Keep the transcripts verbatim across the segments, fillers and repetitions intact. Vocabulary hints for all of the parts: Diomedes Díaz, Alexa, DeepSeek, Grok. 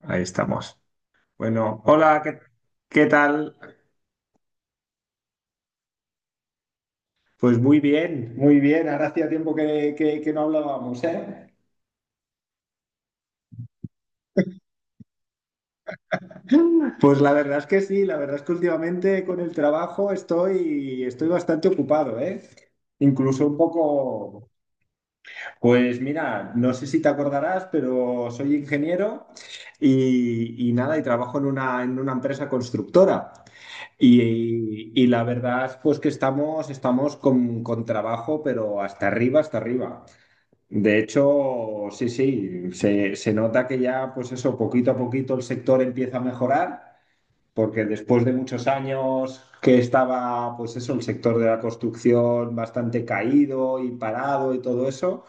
Ahí estamos. Bueno, hola, ¿qué, ¿qué tal? Pues muy bien, muy bien. Ahora hacía tiempo que, que- que no hablábamos, ¿eh? Pues la verdad es que sí, la verdad es que últimamente con el trabajo estoy, estoy bastante ocupado, ¿eh? Incluso un poco, pues mira, no sé si te acordarás, pero soy ingeniero y, y nada, y trabajo en una, en una empresa constructora. Y, y la verdad, pues que estamos, estamos con, con trabajo, pero hasta arriba, hasta arriba. De hecho, sí, sí, se, se nota que ya, pues eso, poquito a poquito el sector empieza a mejorar, porque después de muchos años que estaba, pues eso, el sector de la construcción bastante caído y parado y todo eso,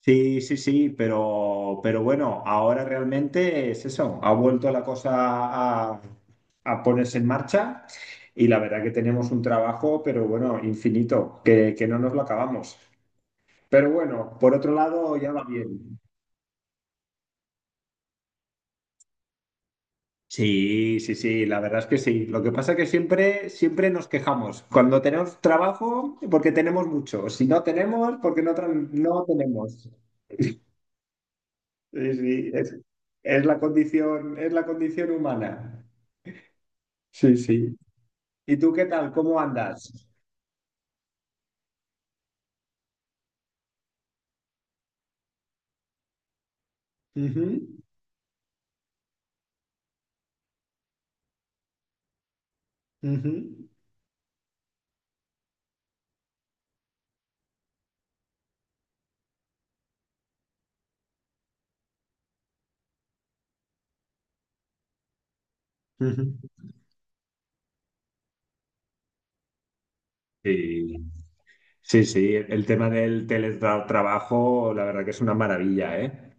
sí, sí, sí, pero, pero bueno, ahora realmente es eso, ha vuelto la cosa a, a ponerse en marcha y la verdad que tenemos un trabajo, pero bueno, infinito, que, que no nos lo acabamos. Pero bueno, por otro lado, ya va bien. Sí, sí, sí, la verdad es que sí. Lo que pasa es que siempre, siempre nos quejamos. Cuando tenemos trabajo, porque tenemos mucho. Si no tenemos, porque no, tra- no tenemos. Sí, sí, es, es la condición, es la condición humana. Sí, sí. ¿Y tú qué tal? ¿Cómo andas? Ujú, ujú, ujú. Sí, sí, sí. El tema del teletrabajo, la verdad que es una maravilla, ¿eh?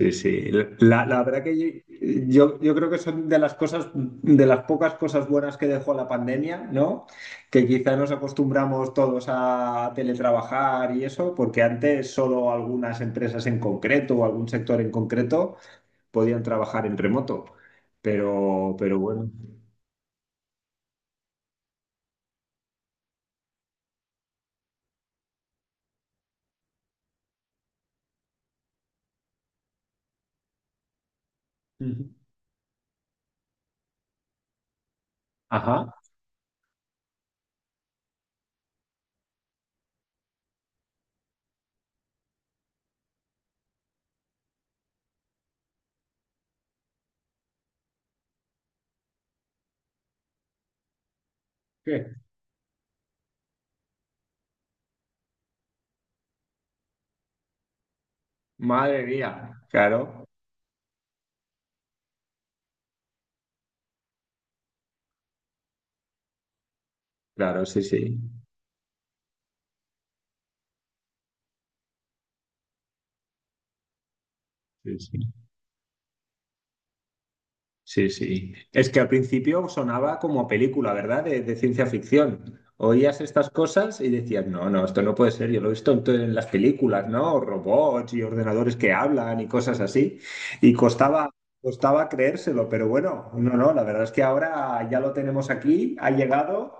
Sí, sí. La, la verdad que yo, yo, yo creo que son de las cosas, de las pocas cosas buenas que dejó la pandemia, ¿no? Que quizá nos acostumbramos todos a teletrabajar y eso, porque antes solo algunas empresas en concreto o algún sector en concreto podían trabajar en remoto. Pero, pero bueno. Ujú. Ajá. ¿Qué? Madre mía. Claro, claro, sí, sí. Sí, sí. Sí, sí. Es que al principio sonaba como película, ¿verdad? De, de ciencia ficción. Oías estas cosas y decías, no, no, esto no puede ser. Yo lo he visto en, to- en las películas, ¿no? Robots y ordenadores que hablan y cosas así. Y costaba, costaba creérselo, pero bueno, no, no, la verdad es que ahora ya lo tenemos aquí, ha llegado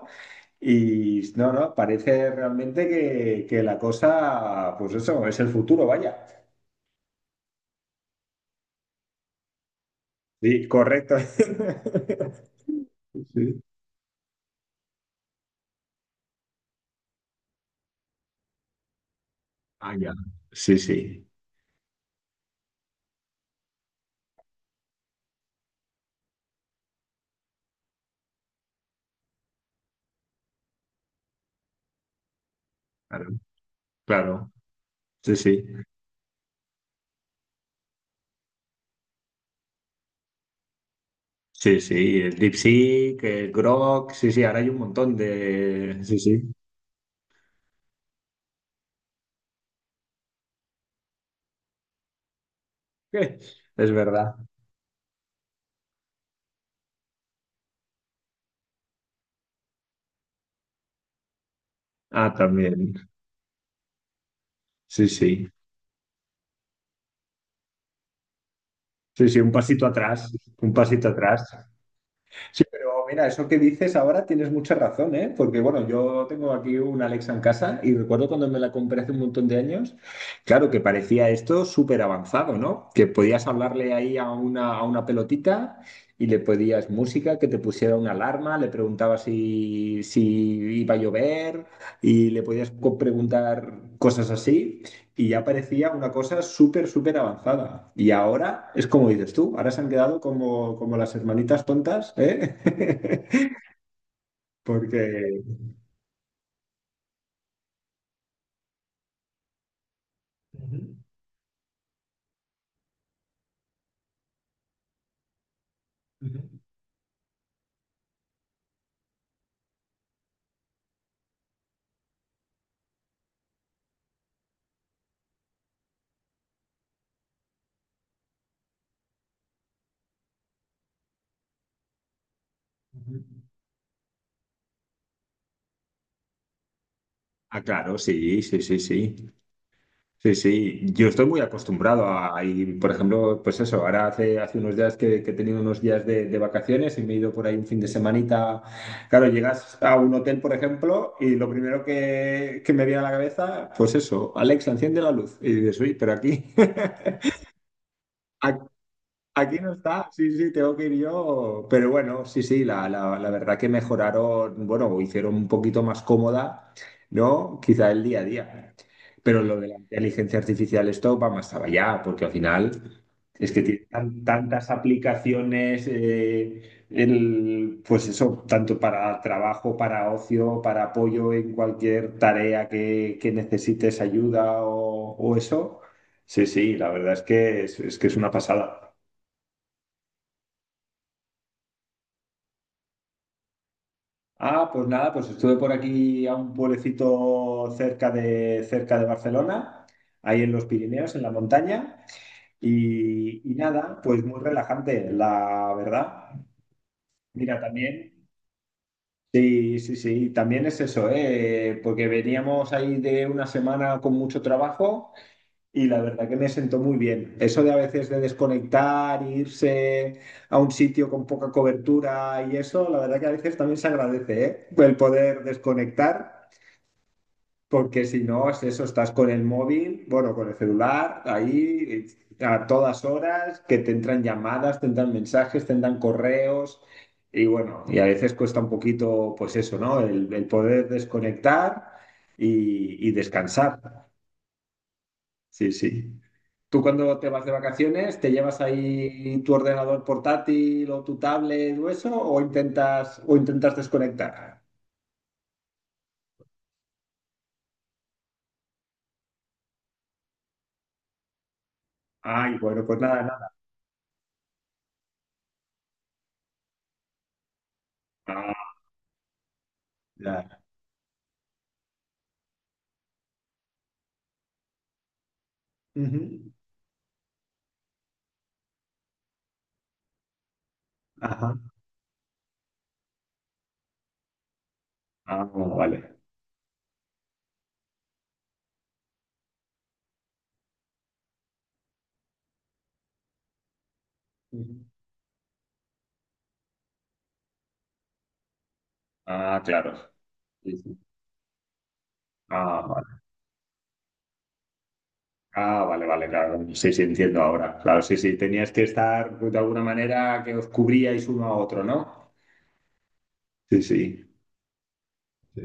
y no, no, parece realmente que, que la cosa, pues eso, es el futuro, vaya. Sí, correcto. Sí. Ah, ya. Sí, sí. Claro, claro. Sí, sí. Sí, sí. El DeepSeek, el Grok. Sí, sí. Ahora hay un montón de. Sí, sí. Es verdad. Ah, también. Sí, sí. Sí, sí. Un pasito atrás. Un pasito atrás. Sí, pero mira, eso que dices ahora tienes mucha razón, ¿eh? Porque bueno, yo tengo aquí una Alexa en casa y recuerdo cuando me la compré hace un montón de años, claro que parecía esto súper avanzado, ¿no? Que podías hablarle ahí a una, a una pelotita y le pedías música, que te pusiera una alarma, le preguntabas si, si iba a llover y le podías co- preguntar cosas así y ya parecía una cosa súper, súper avanzada. Y ahora es como dices tú, ahora se han quedado como, como las hermanitas tontas, ¿eh? Porque... Ujú, ujú, ujú. Ah, claro, sí, sí, sí, sí. Sí, sí, yo estoy muy acostumbrado a a ir, por ejemplo, pues eso, ahora hace, hace unos días que, que he tenido unos días de, de vacaciones y me he ido por ahí un fin de semanita. Claro, llegas a un hotel, por ejemplo, y lo primero que, que me viene a la cabeza, pues eso, Alexa, enciende la luz. Y dices, uy, pero aquí, Aquí no está, sí, sí, tengo que ir yo. Pero bueno, sí, sí, la, la, la verdad que mejoraron, bueno, hicieron un poquito más cómoda, ¿no? Quizá el día a día. Pero lo de la inteligencia artificial, esto va más allá, porque al final es que tiene tan- tantas aplicaciones, eh, el, pues eso, tanto para trabajo, para ocio, para apoyo en cualquier tarea que, que necesites ayuda o, o eso. Sí, sí, la verdad es que es es que es una pasada. Ah, pues nada, pues estuve por aquí a un pueblecito cerca de, cerca de Barcelona, ahí en los Pirineos, en la montaña, y, y nada, pues muy relajante, la verdad. Mira, también, sí, sí, sí, también es eso, ¿eh? Porque veníamos ahí de una semana con mucho trabajo y la verdad que me sentó muy bien. Eso de a veces de desconectar, e irse a un sitio con poca cobertura y eso, la verdad que a veces también se agradece, ¿eh? El poder desconectar. Porque si no, es eso, estás con el móvil, bueno, con el celular, ahí eh, a todas horas, que te entran llamadas, te entran mensajes, te entran correos, y bueno, y a veces cuesta un poquito, pues eso, ¿no? El, el poder desconectar y, y descansar. Sí, sí. ¿Tú cuando te vas de vacaciones, te llevas ahí tu ordenador portátil o tu tablet o eso, o intentas, o intentas desconectar? Ay, bueno, pues nada, nada. Ah, ya. Ujú. Ajá. Ah, vale. Ujú. Ah, claro. Sí, sí. Ah, vale. Ah, vale, vale, claro. Sí, sí, entiendo ahora. Claro, sí, sí. Tenías que estar de alguna manera que os cubríais uno a otro, ¿no? Sí, sí. Sí.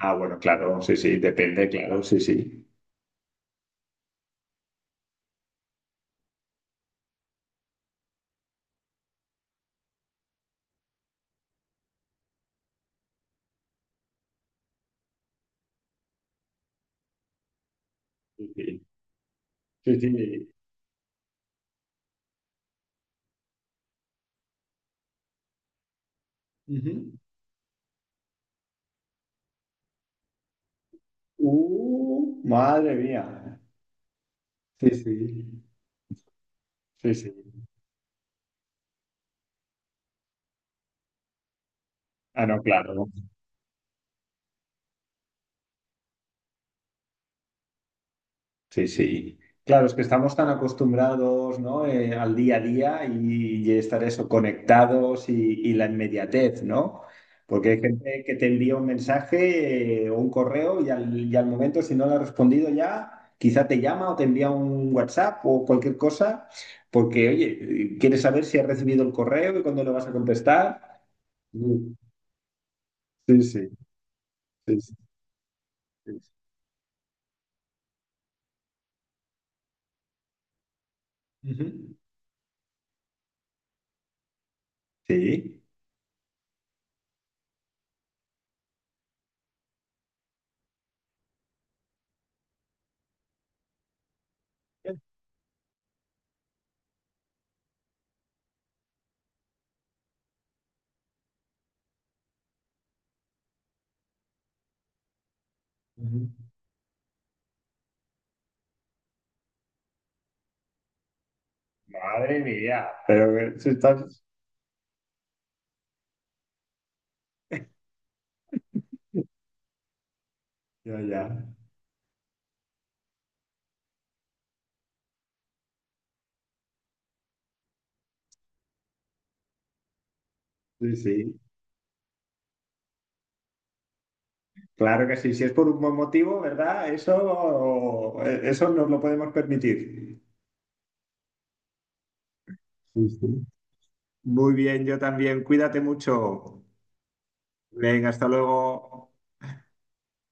Ah, bueno, claro, sí, sí, depende, claro, sí, sí. Sí, sí. Sí, sí. Ujú. Uh, madre mía. Sí, sí. Sí, sí. Ah, no, claro. Sí, sí. Claro, es que estamos tan acostumbrados, ¿no? Eh, al día a día y, y estar eso, conectados y, y la inmediatez, ¿no? Porque hay gente que te envía un mensaje eh, o un correo y al, y al momento, si no le has respondido ya, quizá te llama o te envía un WhatsApp o cualquier cosa, porque, oye, quieres saber si has recibido el correo y cuándo lo vas a contestar. Sí, sí, sí, sí, sí. Sí. Ujú, Sí. ujú. Madre mía, pero eh, si estás, Ya, ya. Sí, sí. Claro que sí. Si es por un buen motivo, ¿verdad? Eso, eh, eso nos lo podemos permitir. Sí, sí. Muy bien, yo también. Cuídate mucho. Venga, hasta luego.